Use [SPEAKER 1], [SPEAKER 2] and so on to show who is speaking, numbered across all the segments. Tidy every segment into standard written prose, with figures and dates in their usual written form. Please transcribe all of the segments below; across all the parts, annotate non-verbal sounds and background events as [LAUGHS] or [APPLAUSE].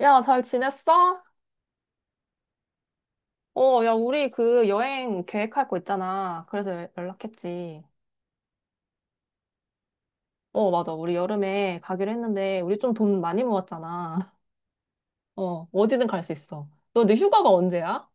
[SPEAKER 1] 야, 잘 지냈어? 어, 야, 우리 그 여행 계획할 거 있잖아. 그래서 연락했지. 어, 맞아. 우리 여름에 가기로 했는데, 우리 좀 돈 많이 모았잖아. [LAUGHS] 어, 어디든 갈 수 있어. 너 근데 휴가가 언제야?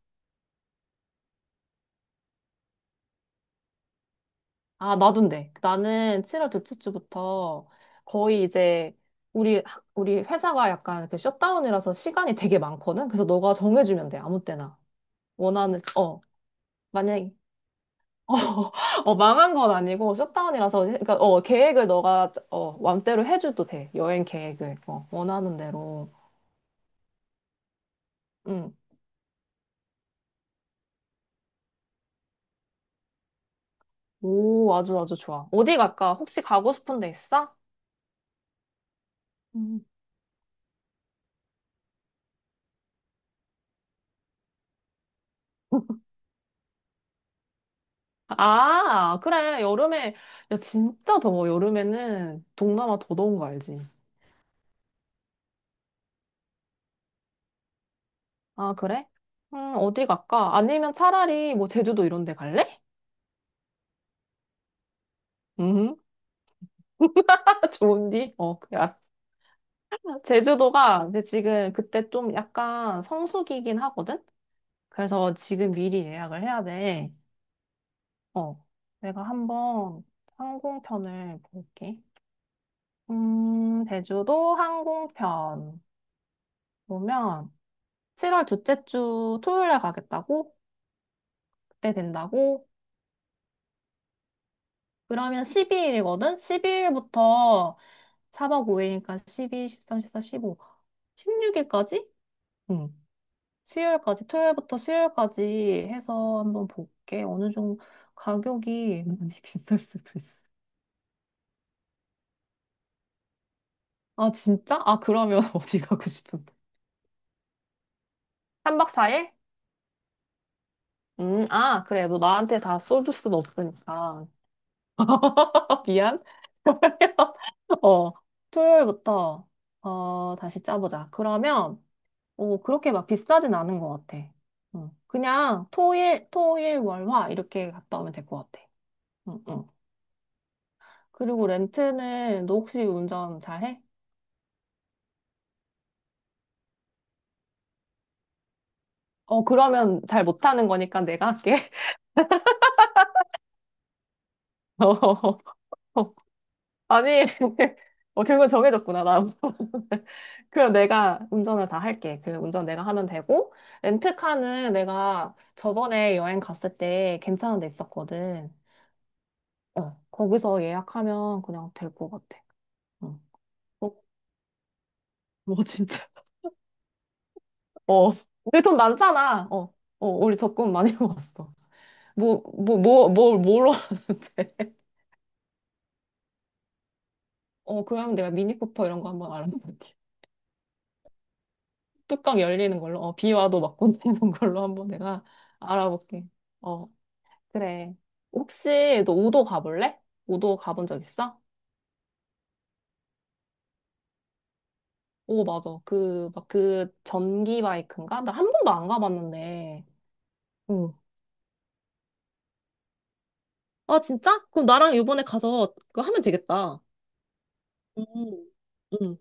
[SPEAKER 1] 아, 나도인데. 나는 7월 둘째 주부터 거의 이제 우리 회사가 약간 그 셧다운이라서 시간이 되게 많거든? 그래서 너가 정해주면 돼. 아무 때나. 원하는, 만약에, 어, [LAUGHS] 망한 건 아니고 셧다운이라서 그러니까 계획을 너가 맘대로 해줘도 돼. 여행 계획을 원하는 대로. 응오, 아주 아주 좋아. 어디 갈까? 혹시 가고 싶은 데 있어? 음. [LAUGHS] 아, 그래. 여름에. 야, 진짜 더워. 여름에는 동남아 더 더운 거 알지? 아, 그래? 어디 갈까? 아니면 차라리 뭐 제주도 이런 데 갈래? 음. [LAUGHS] 좋은디? 어그 제주도가 이제 지금 그때 좀 약간 성수기긴 하거든? 그래서 지금 미리 예약을 해야 돼. 어, 내가 한번 항공편을 볼게. 제주도 항공편 보면 7월 둘째 주 토요일에 가겠다고? 그때 된다고? 그러면 12일이거든? 12일부터 4박 5일이니까 12, 13, 14, 15, 16일까지? 응. 수요일까지, 토요일부터 수요일까지 해서 한번 볼게. 어느 정도 가격이 많이 [LAUGHS] 비쌀 수도 있어. 아, 진짜? 아, 그러면 [LAUGHS] 어디 가고 싶은데? 3박 4일? 아, 그래. 너 나한테 다 쏠줄 수는 없으니까. [LAUGHS] 미안. [LAUGHS] 그러면, 어, 토요일부터, 다시 짜보자. 그러면, 오, 그렇게 막 비싸진 않은 것 같아. 응. 그냥 토일, 토일, 월, 화 이렇게 갔다 오면 될 것 같아. 응, 응. 그리고 렌트는 너 혹시 운전 잘해? 어, 그러면 잘 못하는 거니까 내가 할게. [LAUGHS] 어, 아니, [LAUGHS] 결국은 정해졌구나, 나. [LAUGHS] 그럼 내가 운전을 다 할게. 그 운전 내가 하면 되고, 렌트카는 내가 저번에 여행 갔을 때 괜찮은 데 있었거든. 거기서 예약하면 그냥 될 것 같아. 어, 어, 뭐, 진짜. 어, 우리 돈 많잖아. 어, 어, 우리 적금 많이 [LAUGHS] 모았어. 뭐, 뭐, 뭐, 뭘, 뭘로. [LAUGHS] 그러면 내가 미니쿠퍼 이런 거 한번 알아볼게. 뚜껑 열리는 걸로. 비 와도 막고 내는 [LAUGHS] 걸로 한번 내가 알아볼게. 어. 그래. 혹시 너 우도 가볼래? 우도 가본 적 있어? 오, 맞아. 막 그 전기 바이크인가? 나 한 번도 안 가봤는데. 응. 아, 진짜? 그럼 나랑 이번에 가서 그거 하면 되겠다. 응. 응.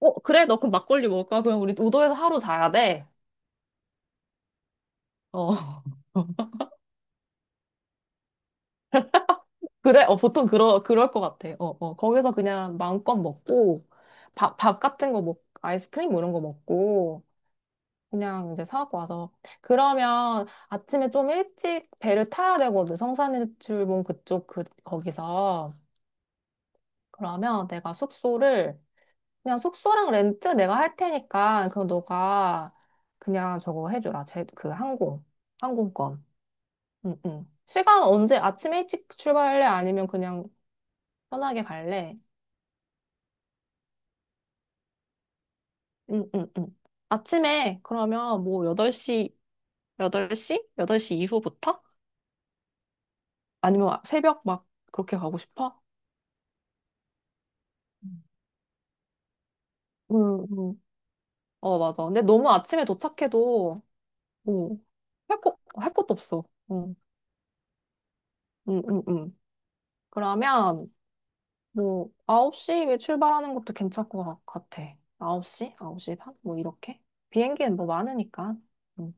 [SPEAKER 1] 어, 그래? 너 그럼 막걸리 먹을까? 그럼 우리 우도에서 하루 자야 돼. 어. [LAUGHS] 그래? 어, 보통 그럴 것 같아. 어, 어. 거기서 그냥 마음껏 먹고, 밥 같은 거 아이스크림 뭐 이런 거 먹고, 그냥 이제 사갖고 와서. 그러면 아침에 좀 일찍 배를 타야 되거든. 성산일출봉 그쪽, 거기서. 그러면 내가 그냥 숙소랑 렌트 내가 할 테니까, 그럼 너가 그냥 저거 해줘라. 그 항공권. 응, 응. 시간 언제? 아침에 일찍 출발할래? 아니면 그냥 편하게 갈래? 응, 응, 응. 아침에 그러면 뭐 8시, 8시? 8시 이후부터? 아니면 새벽 막 그렇게 가고 싶어? 응, 응. 어, 맞아. 근데 너무 아침에 도착해도, 뭐, 할 것도 없어. 응, 응, 응, 응. 그러면, 뭐, 9시에 출발하는 것도 괜찮을 것 같아. 9시? 9시 반? 뭐, 이렇게? 비행기는 뭐 많으니까. 응,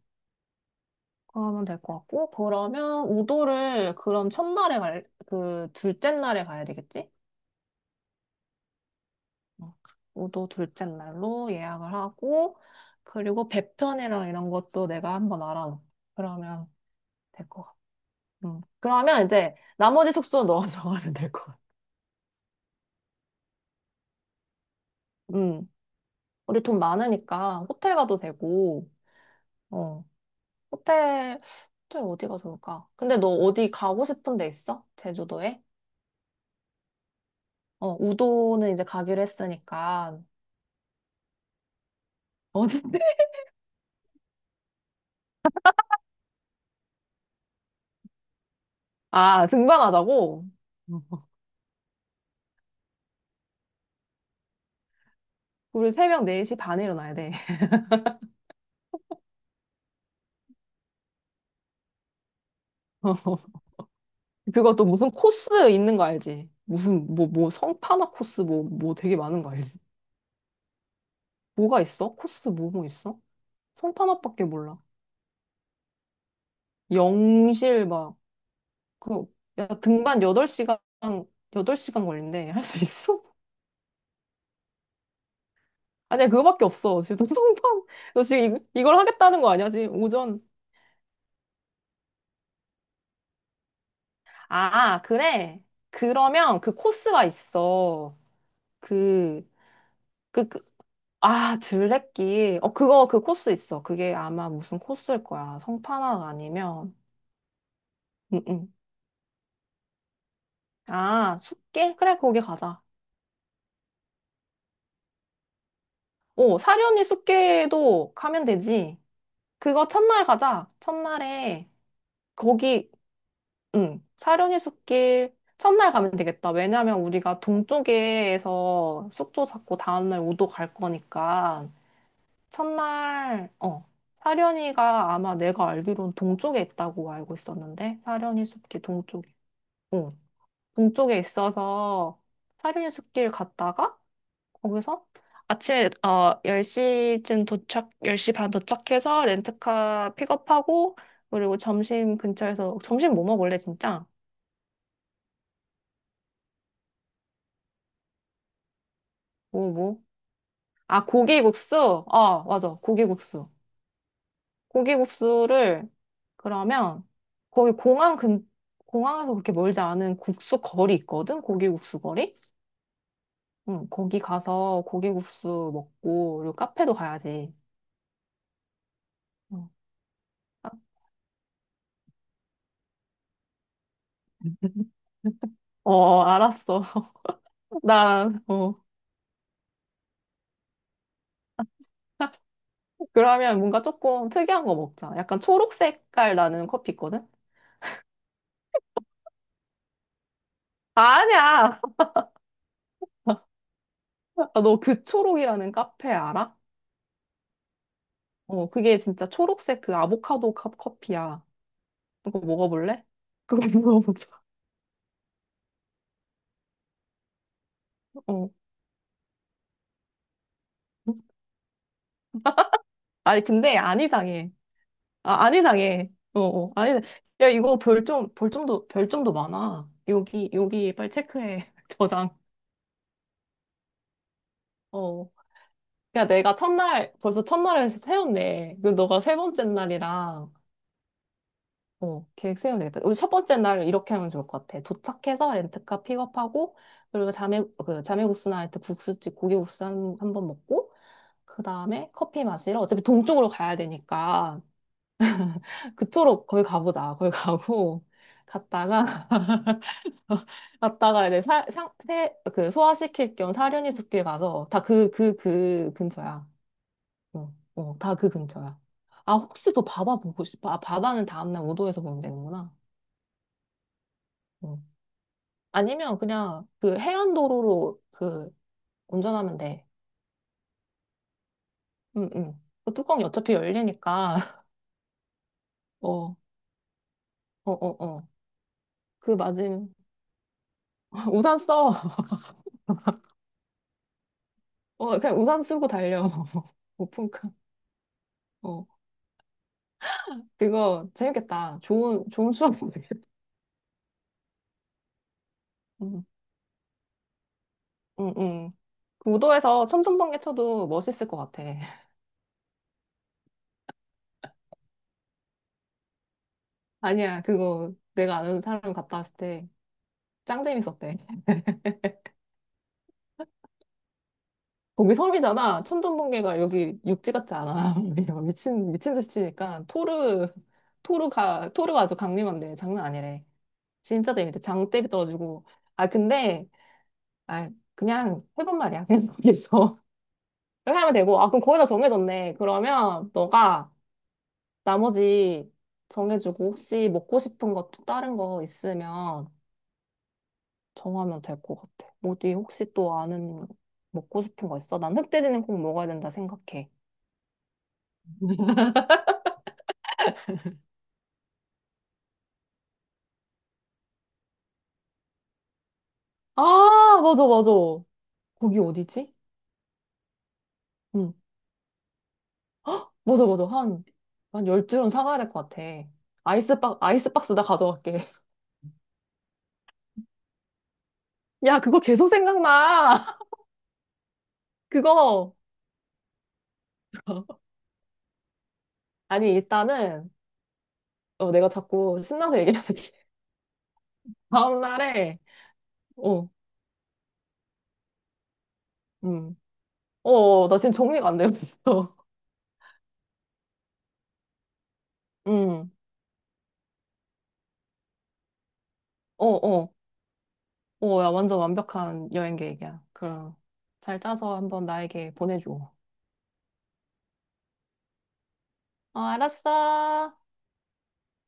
[SPEAKER 1] 그러면 될 것 같고. 그러면, 그럼 첫날에 둘째 날에 가야 되겠지? 응. 우도 둘째 날로 예약을 하고, 그리고 배편이랑 이런 것도 내가 한번 알아놓 그러면, 될 것 같아. 음. 그러면 이제 나머지 숙소는 너가 [LAUGHS] 정하면 될 것 같아. 음. 우리 돈 많으니까 호텔 가도 되고, 어. 호텔, 호텔 어디가 좋을까? 근데 너 어디 가고 싶은 데 있어? 제주도에? 어, 우도는 이제 가기로 했으니까. 어디? [LAUGHS] 아, 등반하자고? 우리 새벽 4시 반에 일어나야 돼. [LAUGHS] 그것도 무슨 코스 있는 거 알지? 무슨, 뭐, 뭐, 성판악 코스 뭐, 뭐 되게 많은 거 알지? 뭐가 있어? 코스 뭐, 뭐 있어? 성판악밖에 몰라. 영실 막, 그, 야, 등반 8시간, 여덟 시간 걸린대. [LAUGHS] 할 수 있어? [LAUGHS] 아니, 야, 그거밖에 없어. 지금 [LAUGHS] 너 지금 이걸 하겠다는 거 아니야? 지금 오전. 아, 그래. 그러면 그 코스가 있어. 그, 그, 그 아, 둘레길. 그 코스 있어. 그게 아마 무슨 코스일 거야. 성판악 아니면. 응, 응. 아, 숲길? 그래, 거기 가자. 오, 사려니 숲길도 가면 되지. 그거 첫날 가자. 첫날에 거기, 응, 사려니 숲길 첫날 가면 되겠다. 왜냐면 우리가 동쪽에서 숙소 잡고 다음날 우도 갈 거니까 첫날, 사려니가 아마 내가 알기로는 동쪽에 있다고 알고 있었는데 사려니 숲길 어, 동쪽에 있어서 사려니 숲길 갔다가 거기서 아침에 10시쯤 도착, 10시 반 도착해서 렌트카 픽업하고 그리고 점심 근처에서 점심 뭐 먹을래, 진짜? 뭐, 뭐? 아, 고기국수? 어, 맞아. 고기국수. 고기국수를, 그러면, 거기 공항에서 그렇게 멀지 않은 국수 거리 있거든? 고기국수 거리? 응, 거기 가서 고기국수 먹고, 그리고 카페도 가야지. 어, 아, 알았어. [LAUGHS] 나, 어. 그러면 뭔가 조금 특이한 거 먹자. 약간 초록 색깔 나는 커피 있거든? 아니야! [LAUGHS] 너 그 초록이라는 카페 알아? 그게 진짜 초록색 그 아보카도 컵 커피야. 그거 먹어볼래? 그거 [LAUGHS] 먹어보자. 어. 아니, 근데 안 이상해. 아, 안 이상해. 어, 어, 아니, 야, 이거 별점도, 별점도 많아. 여기, 여기 빨리 체크해. [LAUGHS] 저장. 어. 야, 내가 첫날, 벌써 첫날을 세웠네. 그 너가 세 번째 날이랑, 계획 세우면 되겠다. 우리 첫 번째 날 이렇게 하면 좋을 것 같아. 도착해서 렌트카 픽업하고, 그리고 그 자매국수 나이트 국수집 고기국수 한 번 먹고, 그 다음에 커피 마시러 어차피 동쪽으로 가야 되니까 그쪽으로 거기 가보자. 거기 가고 갔다가 [LAUGHS] 갔다가 이제 그 소화시킬 겸 사려니 숲길 가서 다 그 근처야. 어, 어, 다 그 근처야. 아, 혹시 더 바다 보고 싶어? 아, 바다는 다음날 우도에서 보면 되는구나. 어. 아니면 그냥 그 해안도로로 운전하면 돼. 응, 응. 그 뚜껑이 어차피 열리니까. [LAUGHS] 어, 어, 어, 어. 그 맞음. [LAUGHS] 우산 써. 어, 그냥 우산 쓰고 달려. [LAUGHS] 오픈카. 어, 그거 재밌겠다. 좋은, 좋은 수업이겠다. 응, 응, 응. 그 우도에서 천둥번개 쳐도 멋있을 것 같아. [LAUGHS] 아니야, 그거 내가 아는 사람 갔다 왔을 때 짱 재밌었대. 거기 섬이잖아. 천둥번개가 여기 육지 같지 않아. [LAUGHS] 미친, 미친 듯이 치니까 토르, 토르가 아주 강림한데 장난 아니래. 진짜 재밌대. 장대비 떨어지고. 아, 근데, 아, 그냥 해본 말이야. [LAUGHS] 그냥 거기서. 이렇게 하면 되고, 아, 그럼 거의 다 정해졌네. 그러면 너가 나머지 정해주고, 혹시 먹고 싶은 것도 다른 거 있으면 정하면 될 것 같아. 어디 혹시 또 아는 먹고 싶은 거 있어? 난 흑돼지는 꼭 먹어야 된다 생각해. [LAUGHS] 아, 맞아, 맞아. 거기 어디지? 응, 맞아, 맞아. 한, 한 열 줄은 사가야 될 것 같아. 아이스박스 나 가져갈게. [LAUGHS] 야, 그거 계속 생각나. [LAUGHS] 그거. 아니, 일단은, 내가 자꾸 신나서 얘기하는데. 다음날에, 어, 음. 나 지금 정리가 안 되고 있어. [LAUGHS] 음. 어, 어. 어, 야, 완전 완벽한 여행 계획이야. 그럼 잘 짜서 한번 나에게 보내줘. 어, 알았어.